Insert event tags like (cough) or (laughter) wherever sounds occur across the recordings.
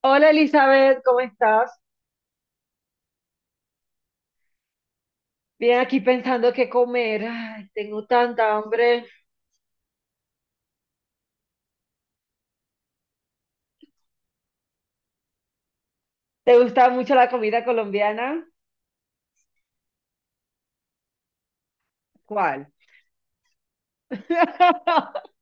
Hola Elizabeth, ¿cómo estás? Bien, aquí pensando qué comer. Ay, tengo tanta hambre. ¿Te gusta mucho la comida colombiana? ¿Cuál? (laughs)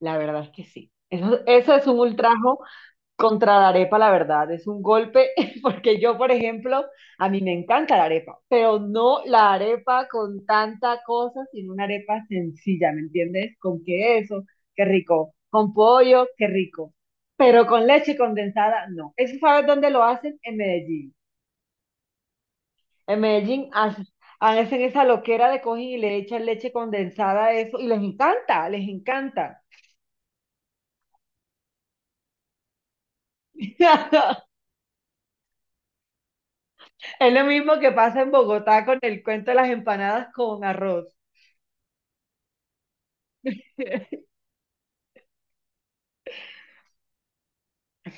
La verdad es que sí. Eso es un ultrajo contra la arepa, la verdad, es un golpe, (laughs) porque yo, por ejemplo, a mí me encanta la arepa, pero no la arepa con tanta cosa, sino una arepa sencilla, ¿me entiendes? Con queso, qué rico, con pollo, qué rico, pero con leche condensada, no. ¿Eso sabes dónde lo hacen? En Medellín. En Medellín hacen esa loquera de cogen y le echan leche condensada a eso, y les encanta, les encanta. (laughs) Es lo mismo que pasa en Bogotá con el cuento de las empanadas con arroz.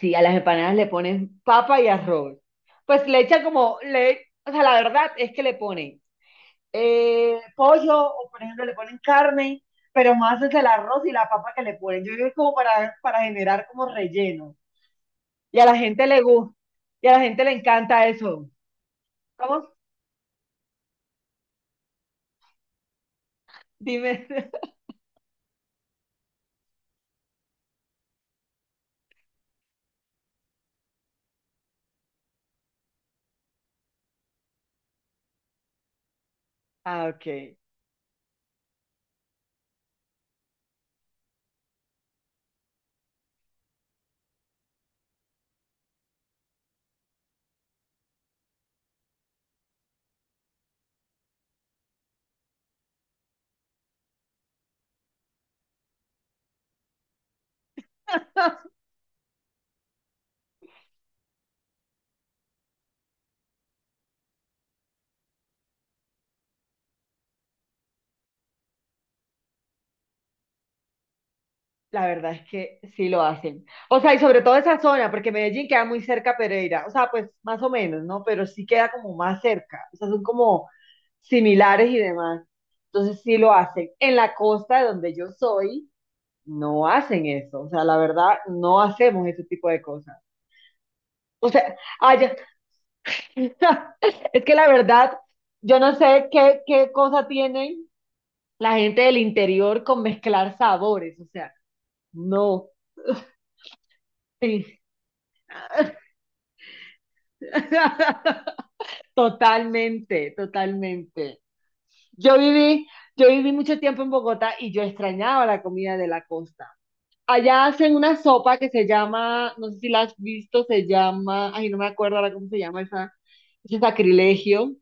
Sí, a las empanadas le ponen papa y arroz. Pues le echan como, le, o sea, la verdad es que le ponen pollo o por ejemplo le ponen carne, pero más es el arroz y la papa que le ponen. Yo creo que es como para generar como relleno. Y a la gente le gusta, y a la gente le encanta eso. ¿Cómo? Dime. (laughs) Ah, ok. La verdad es que sí lo hacen. O sea, y sobre todo esa zona, porque Medellín queda muy cerca a Pereira. O sea, pues más o menos, ¿no? Pero sí queda como más cerca. O sea, son como similares y demás. Entonces sí lo hacen. En la costa de donde yo soy, no hacen eso. O sea, la verdad, no hacemos ese tipo de cosas. O sea, allá, (laughs) es que la verdad, yo no sé qué, qué cosa tienen la gente del interior con mezclar sabores. O sea, no. Sí. (laughs) Totalmente, totalmente. Yo viví, yo viví mucho tiempo en Bogotá y yo extrañaba la comida de la costa. Allá hacen una sopa que se llama, no sé si la has visto, se llama, ay, no me acuerdo ahora cómo se llama esa, ese sacrilegio.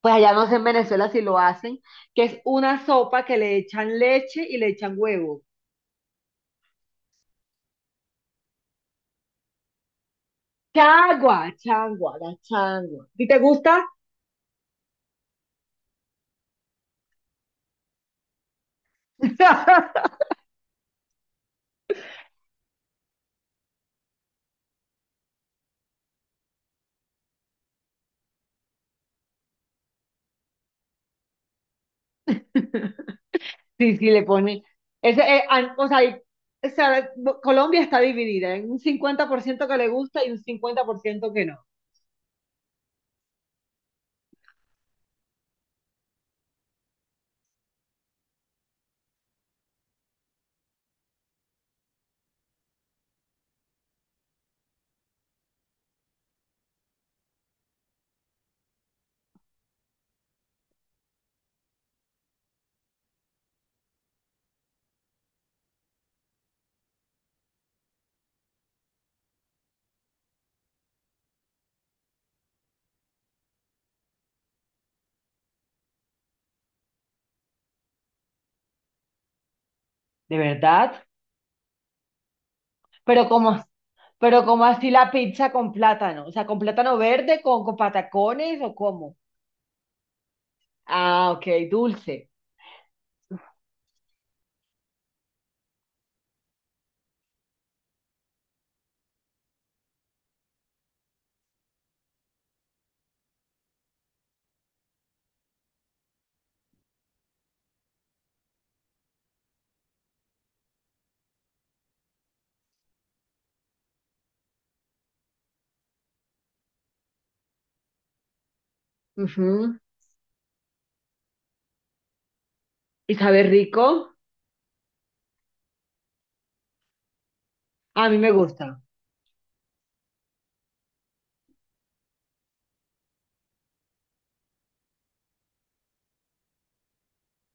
Pues allá no sé en Venezuela si lo hacen, que es una sopa que le echan leche y le echan huevo. Changua, changua, la changua. ¿Y te gusta? (laughs) Sí, sí, le pone. Ese, an- o sea, hay- o sea, Bo- Colombia está dividida. Hay un 50% que le gusta y un 50% que no. ¿De verdad? Pero como, pero como así la pizza con plátano. O sea, con plátano verde, con patacones o cómo. Ah, ok, dulce. Ujú. ¿Y sabe rico? A mí me gusta.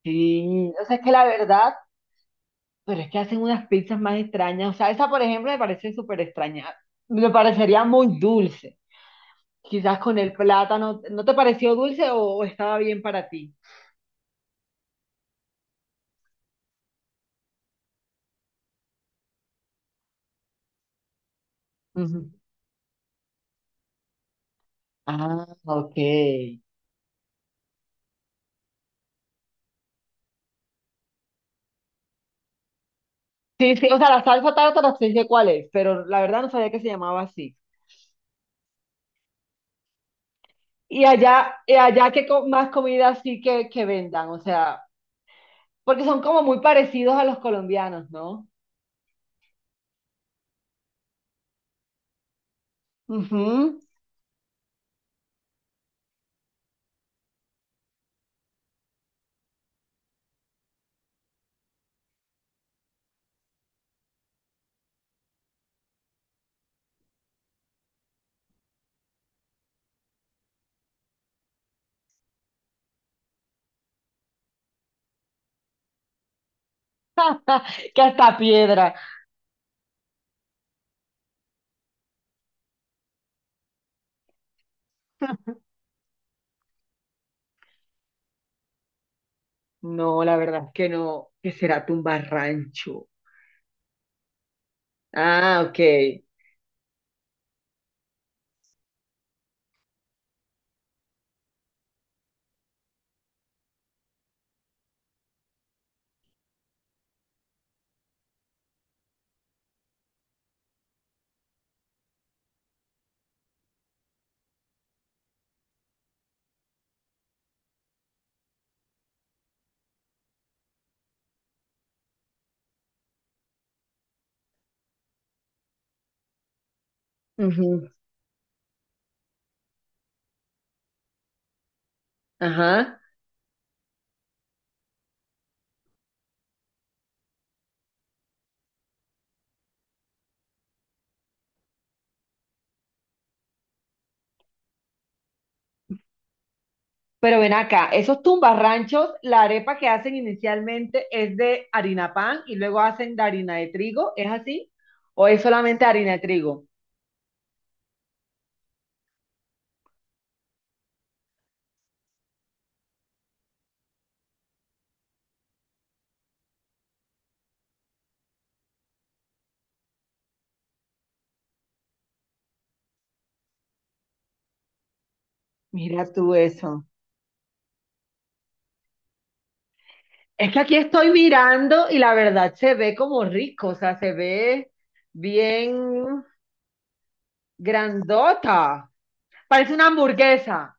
Sí, o sea, es que la verdad, pero es que hacen unas pizzas más extrañas. O sea, esa, por ejemplo, me parece súper extraña. Me parecería muy dulce. Quizás con el plátano, ¿no te pareció dulce o estaba bien para ti? Ujú. Ah, ok. Sí, sí, o sea, la salsa tártara sí sé cuál es, pero la verdad no sabía que se llamaba así. Y allá que más comida así que vendan, o sea, porque son como muy parecidos a los colombianos, ¿no? Ujú. Que hasta piedra. No, la verdad es que no, que será tumbarrancho. Ah, ok. Ujú. Ajá. Pero ven acá, esos tumbarranchos, la arepa que hacen inicialmente es de harina pan y luego hacen de harina de trigo, ¿es así? ¿O es solamente harina de trigo? Mira tú eso. Es que aquí estoy mirando y la verdad se ve como rico, o sea, se ve bien grandota. Parece una hamburguesa.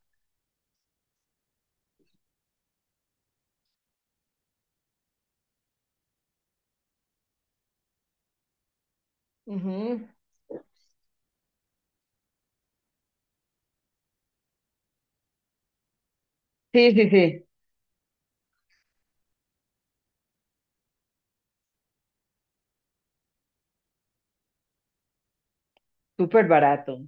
Ujú. Sí, sí, sí, súper barato.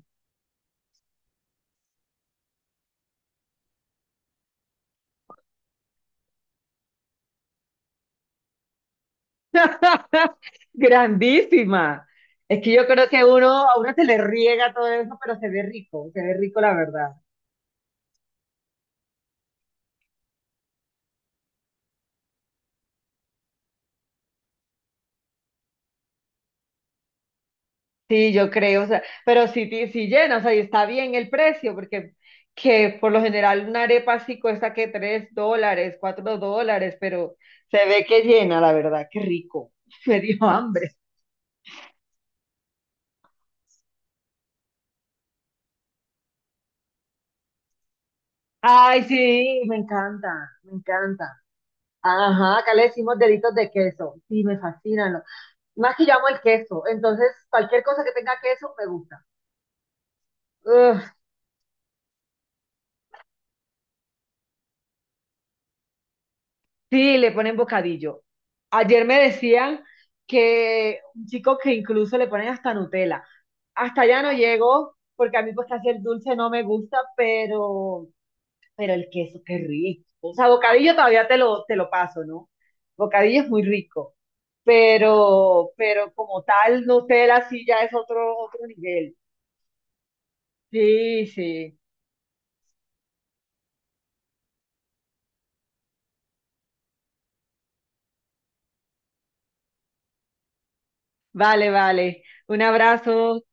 (laughs) Grandísima. Es que yo creo que uno, a uno se le riega todo eso, pero se ve rico la verdad. Sí, yo creo, o sea, pero sí, ti- sí llena, o sea, y está bien el precio, porque que por lo general una arepa así cuesta que $3, $4, pero se ve que llena, la verdad, qué rico. (laughs) Me dio hambre. Ay, sí, me encanta, me encanta. Ajá, acá le decimos deditos de queso. Sí, me fascinan. Más que yo amo el queso, entonces cualquier cosa que tenga queso me gusta. Ugh, sí, le ponen bocadillo. Ayer me decían que un chico que incluso le ponen hasta Nutella. Hasta allá no llego, porque a mí pues casi el dulce no me gusta, pero el queso, qué rico. O sea, bocadillo todavía te lo paso, ¿no? Bocadillo es muy rico, pero como tal, Nutella sí ya es otro, otro nivel. Sí, sí. Vale, vale. Un abrazo.